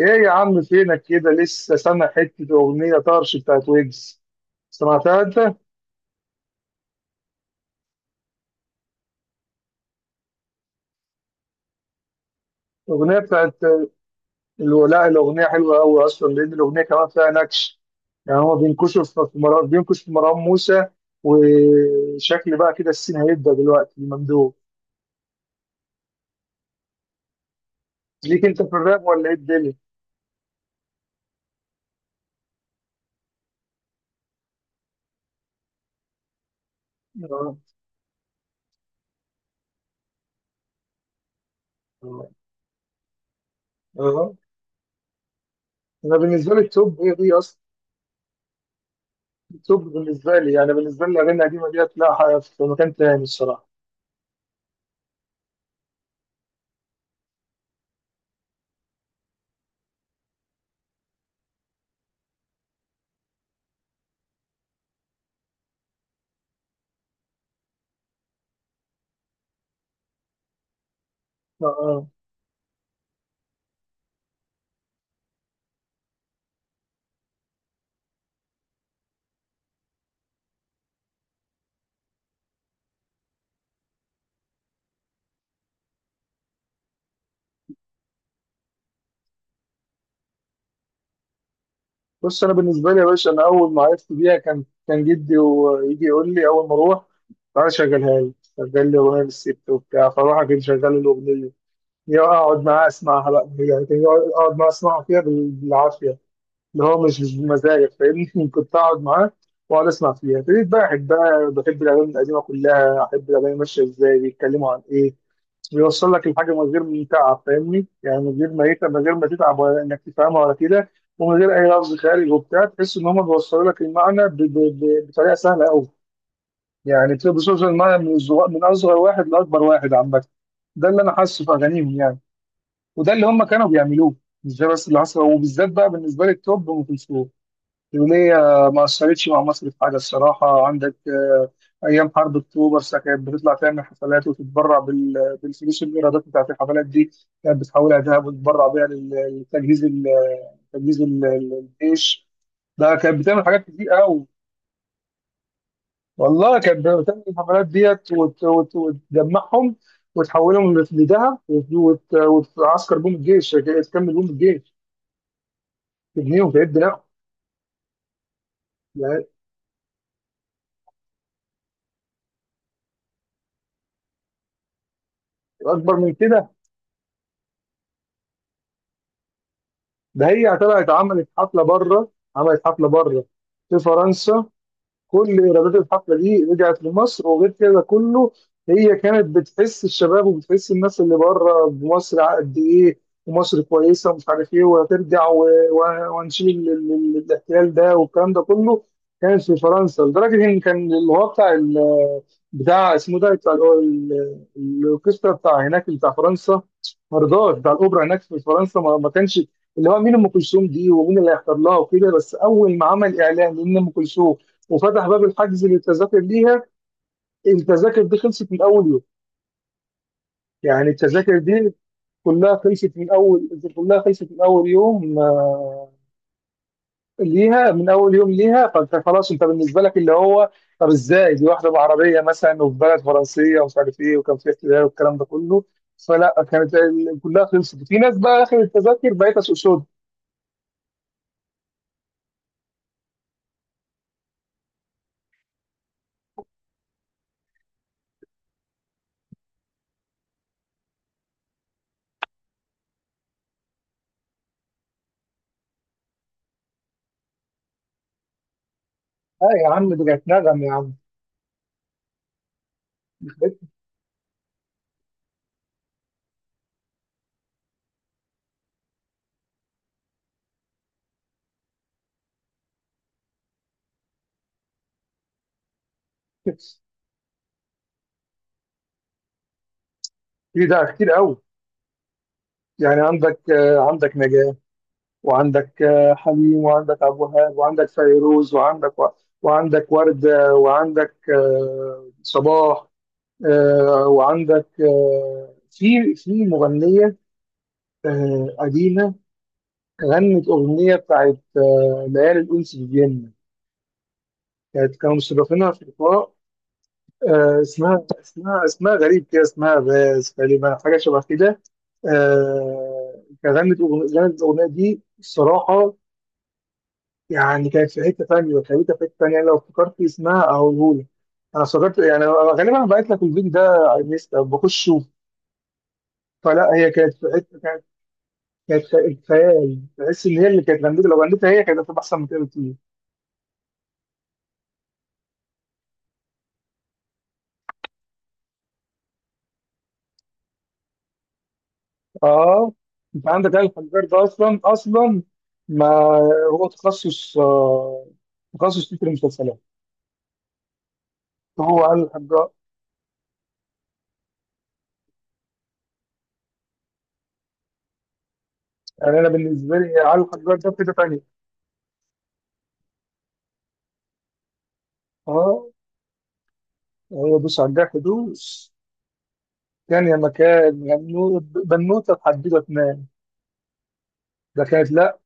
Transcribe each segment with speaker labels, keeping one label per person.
Speaker 1: ايه يا عم، فينك كده؟ لسه سامع حته اغنيه طرش بتاعت ويجز؟ سمعتها انت؟ الاغنيه بتاعت لا، الاغنيه حلوه قوي اصلا، لان الاغنيه كمان فيها نكش. يعني هو بينكش في مروان موسى. وشكل بقى كده، السين هيبدا دلوقتي الممدوح. ليك انت في الراب ولا ايه الدنيا؟ اه، اه. آه. انا بالنسبه لي التوب هي دي اصلا. التوب بالنسبه لي، يعني بالنسبه لي الاغاني القديمه ديت، لا في مكان تاني الصراحه. اه. آه. بص، انا بالنسبه لي يا باشا، انا اول ما عرفت بيها كان جدي، ويجي يقول لي: اول ما اروح تعالى شغل لي اغنيه للست وبتاع. فاروح اجيب شغال الاغنيه، يا اقعد معاه اسمعها بقى. يعني كان اقعد معاه اسمعها فيها بالعافيه، اللي هو مش بمزاجك، فاهمني. كنت اقعد معاه واقعد اسمع فيها، ابتديت بقى احب بقى بحب الاغاني القديمه كلها، احب الاغاني ماشيه ازاي، بيتكلموا عن ايه. بيوصل لك الحاجه من غير ما تتعب، فاهمني؟ يعني من غير ما تتعب ولا انك تفهمها ولا كده. ومن غير اي لفظ خارج وبتاع، تحس ان هم بيوصلوا لك المعنى بطريقه سهله قوي. يعني بتبقى بتوصل المعنى من اصغر واحد لاكبر واحد عامه. ده اللي انا حاسه في اغانيهم يعني. وده اللي هم كانوا بيعملوه. مش ده بس اللي حصل، وبالذات بقى بالنسبه لي التوب ام كلثوم، اليومية ما أثرتش مع مصر في حاجة الصراحة؟ عندك أيام حرب أكتوبر، كانت بتطلع تعمل حفلات وتتبرع بالفلوس، الإيرادات بتاعت الحفلات دي كانت بتحولها ذهب، وتتبرع بيها لتجهيز الجيش. ده كانت بتعمل حاجات كتير أوي. والله كانت بتعمل الحفلات ديت، وتجمعهم، وتحولهم لذهب، وتعسكر بيهم الجيش، تكمل بيهم الجيش، تبنيهم، تعد، لا. يعني أكبر من كده. ده هي طلعت عملت حفله بره في فرنسا. كل ايرادات الحفله دي رجعت لمصر، وغير كده كله. هي كانت بتحس الشباب، وبتحس الناس اللي بره بمصر قد ايه، ومصر كويسه ومش عارف ايه، وهترجع وهنشيل الاحتلال ده والكلام ده كله. كانت في فرنسا لدرجه ان كان اللي هو بتاع اسمه ده بتاع الاوركسترا بتاع هناك بتاع فرنسا، مرضاش. بتاع الاوبرا هناك في فرنسا ما كانش اللي هو مين ام كلثوم دي ومين اللي هيحضر لها وكده. بس اول ما عمل اعلان ان ام كلثوم وفتح باب الحجز للتذاكر ليها، التذاكر دي خلصت من اول يوم. يعني التذاكر دي كلها خلصت من اول يوم، ليها من اول يوم ليها. فانت خلاص، انت بالنسبه لك اللي هو، طب ازاي دي واحده بعربيه مثلا، وفي بلد فرنسيه ومش عارف ايه، وكان في احتلال والكلام ده كله. فلا كلها خلصت، في ناس بقى اخر التذاكر بقيت اسوق سود. اه يا عم، دي كانت نغم يا عم. في ده كتير قوي، يعني عندك عندك نجاة، وعندك حليم، وعندك عبد الوهاب، وعندك فيروز، وعندك وعندك وردة، وعندك صباح، وعندك في مغنية قديمة، غنت أغنية بتاعت ليالي الأنس في فيينا. كانوا مستضيفينها في لقاء. اسمها غريب كده، اسمها باز تقريبا، حاجة شبه كده. كانت غنت الأغنية دي الصراحة. يعني كانت في حته ثانيه وخليتها في حته ثانيه. لو افتكرت اسمها اقولهولك. انا افتكرت يعني. أنا غالبا بعت لك الفيديو ده على الانستا، بخش شوف. فلا هي كانت في حته، كانت خيال. تحس ان هي اللي كانت غنيتها، لو غنيتها هي كانت هتبقى احسن من كده بكتير. اه، انت عندك آل الحجار ده اصلا اصلا. ما هو تخصص تخصص في المسلسلات، هو علي الحجار. يعني انا بالنسبه لي علي الحجار ده في حته ثانيه. اه، هو بص على الجرح دوس. كان يا مكان، يا بنوته تحديدا تنام. ده كانت، لا،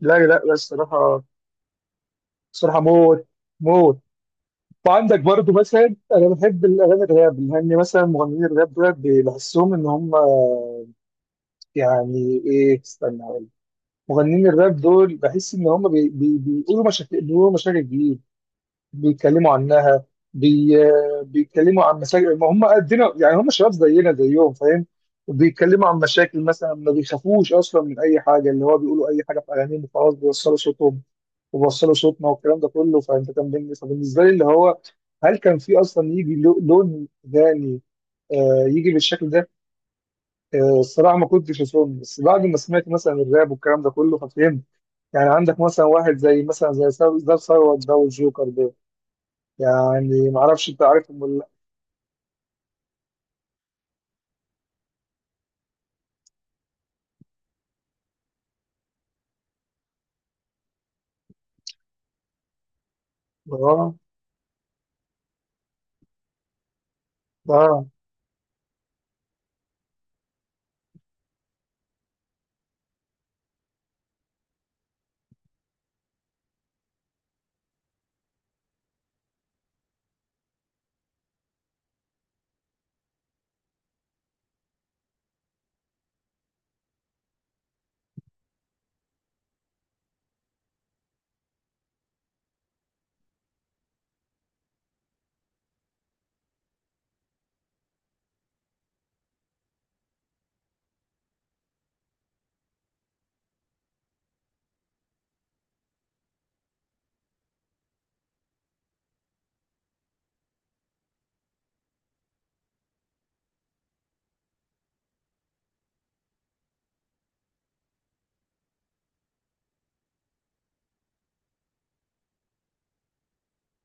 Speaker 1: لا، لا، لا الصراحه الصراحه موت موت. وعندك برضو مثلا انا بحب الاغاني الراب، لان مثلا مغنيين الراب دول بحسهم ان هم، يعني ايه، استنى أقول. مغنيين الراب دول بحس ان هم بي بي بيقولوا مشاكل جديده، بيتكلموا عنها، بي... بيتكلموا عن مشاكل ما هم قدنا، يعني هم شباب زينا زيهم، فاهم. بيتكلموا عن مشاكل مثلا، ما بيخافوش اصلا من اي حاجه، اللي هو بيقولوا اي حاجه في اغانيهم وخلاص، بيوصلوا صوتهم وبيوصلوا صوتنا والكلام ده كله. فانت كان فبالنسبه لي اللي هو، هل كان في اصلا يجي لون اغاني يجي بالشكل ده؟ الصراحه ما كنتش اظن، بس بعد ما سمعت مثلا الراب والكلام ده كله ففهمت. يعني عندك مثلا واحد زي مثلا زي ثروت ده، وثروت ده، والجوكر. يعني ما اعرفش، انت عارفهم ولا لا. اه، اه.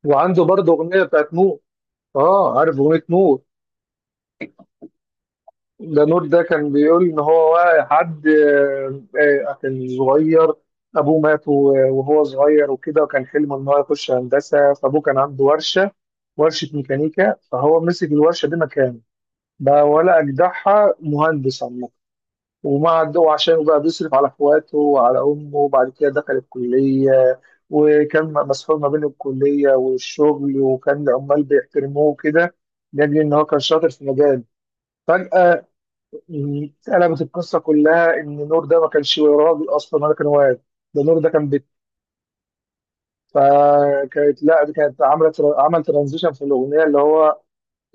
Speaker 1: وعنده برضه اغنيه بتاعت نور. اه، عارف اغنيه نور. ده نور ده كان بيقول ان هو واقع حد، كان صغير، ابوه مات وهو صغير وكده، وكان حلمه ان هو يخش هندسه، فابوه كان عنده ورشه، ورشه ميكانيكا. فهو مسك الورشه دي مكانه، بقى ولا اجدعها مهندس عامه. وما عنده، وعشان بقى بيصرف على اخواته وعلى امه، وبعد كده دخل الكليه، وكان مسحول ما بين الكليه والشغل، وكان العمال بيحترموه كده، لاجل ان هو كان شاطر في مجال. فجاه اتقلبت القصه كلها، ان نور ده ما كانش راجل اصلا ولا كان واد. ده نور ده كان فكانت، لا دي كانت عملت عمل ترانزيشن في الاغنيه، اللي هو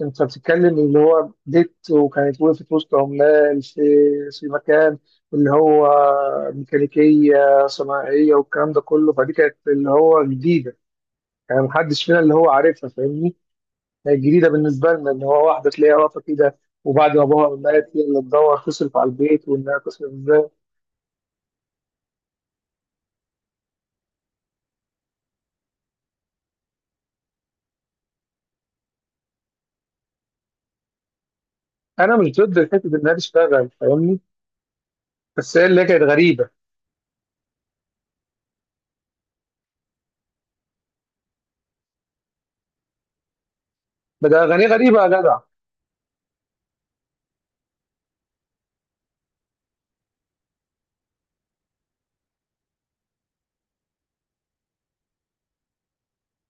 Speaker 1: انت بتتكلم اللي هو ديت، وكانت وقفت وسط عمال في مكان، اللي هو ميكانيكيه صناعيه والكلام ده كله. فدي كانت اللي هو جديده، يعني محدش فينا اللي هو عارفها فاهمني. هي جديده بالنسبه لنا، اللي هو واحده تلاقيها واقفه كده، وبعد ما ابوها مات هي اللي تدور تصرف على البيت، وانها تصرف ازاي. انا مش ضد حته انها تشتغل فاهمني، بس هي اللي كانت غريبه. بدأ اغانيه غريبه يا جدع.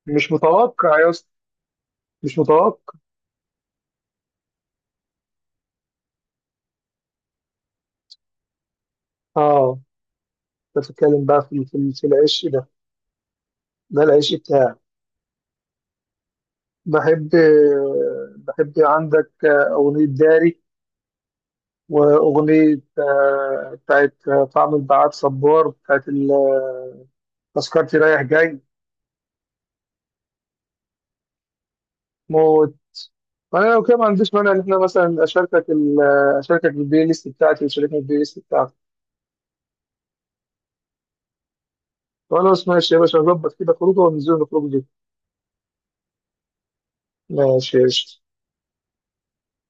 Speaker 1: مش متوقع يا اسطى، مش متوقع. اه، بتتكلم بقى في العش ده العش بتاعي. بحب بحب. عندك أغنية داري، وأغنية بتاعت طعم البعاد، صبار، بتاعت تذكرتي رايح جاي. موت. فأنا لو كده ما عنديش مانع إن إحنا مثلا أشاركك بالبلاي ليست بتاعتي وتشاركني بالبلاي ليست بتاعتك. خلاص، ماشي يا باشا، نظبط كده خروجه وننزل نخرج دي. ماشي يا قشطة.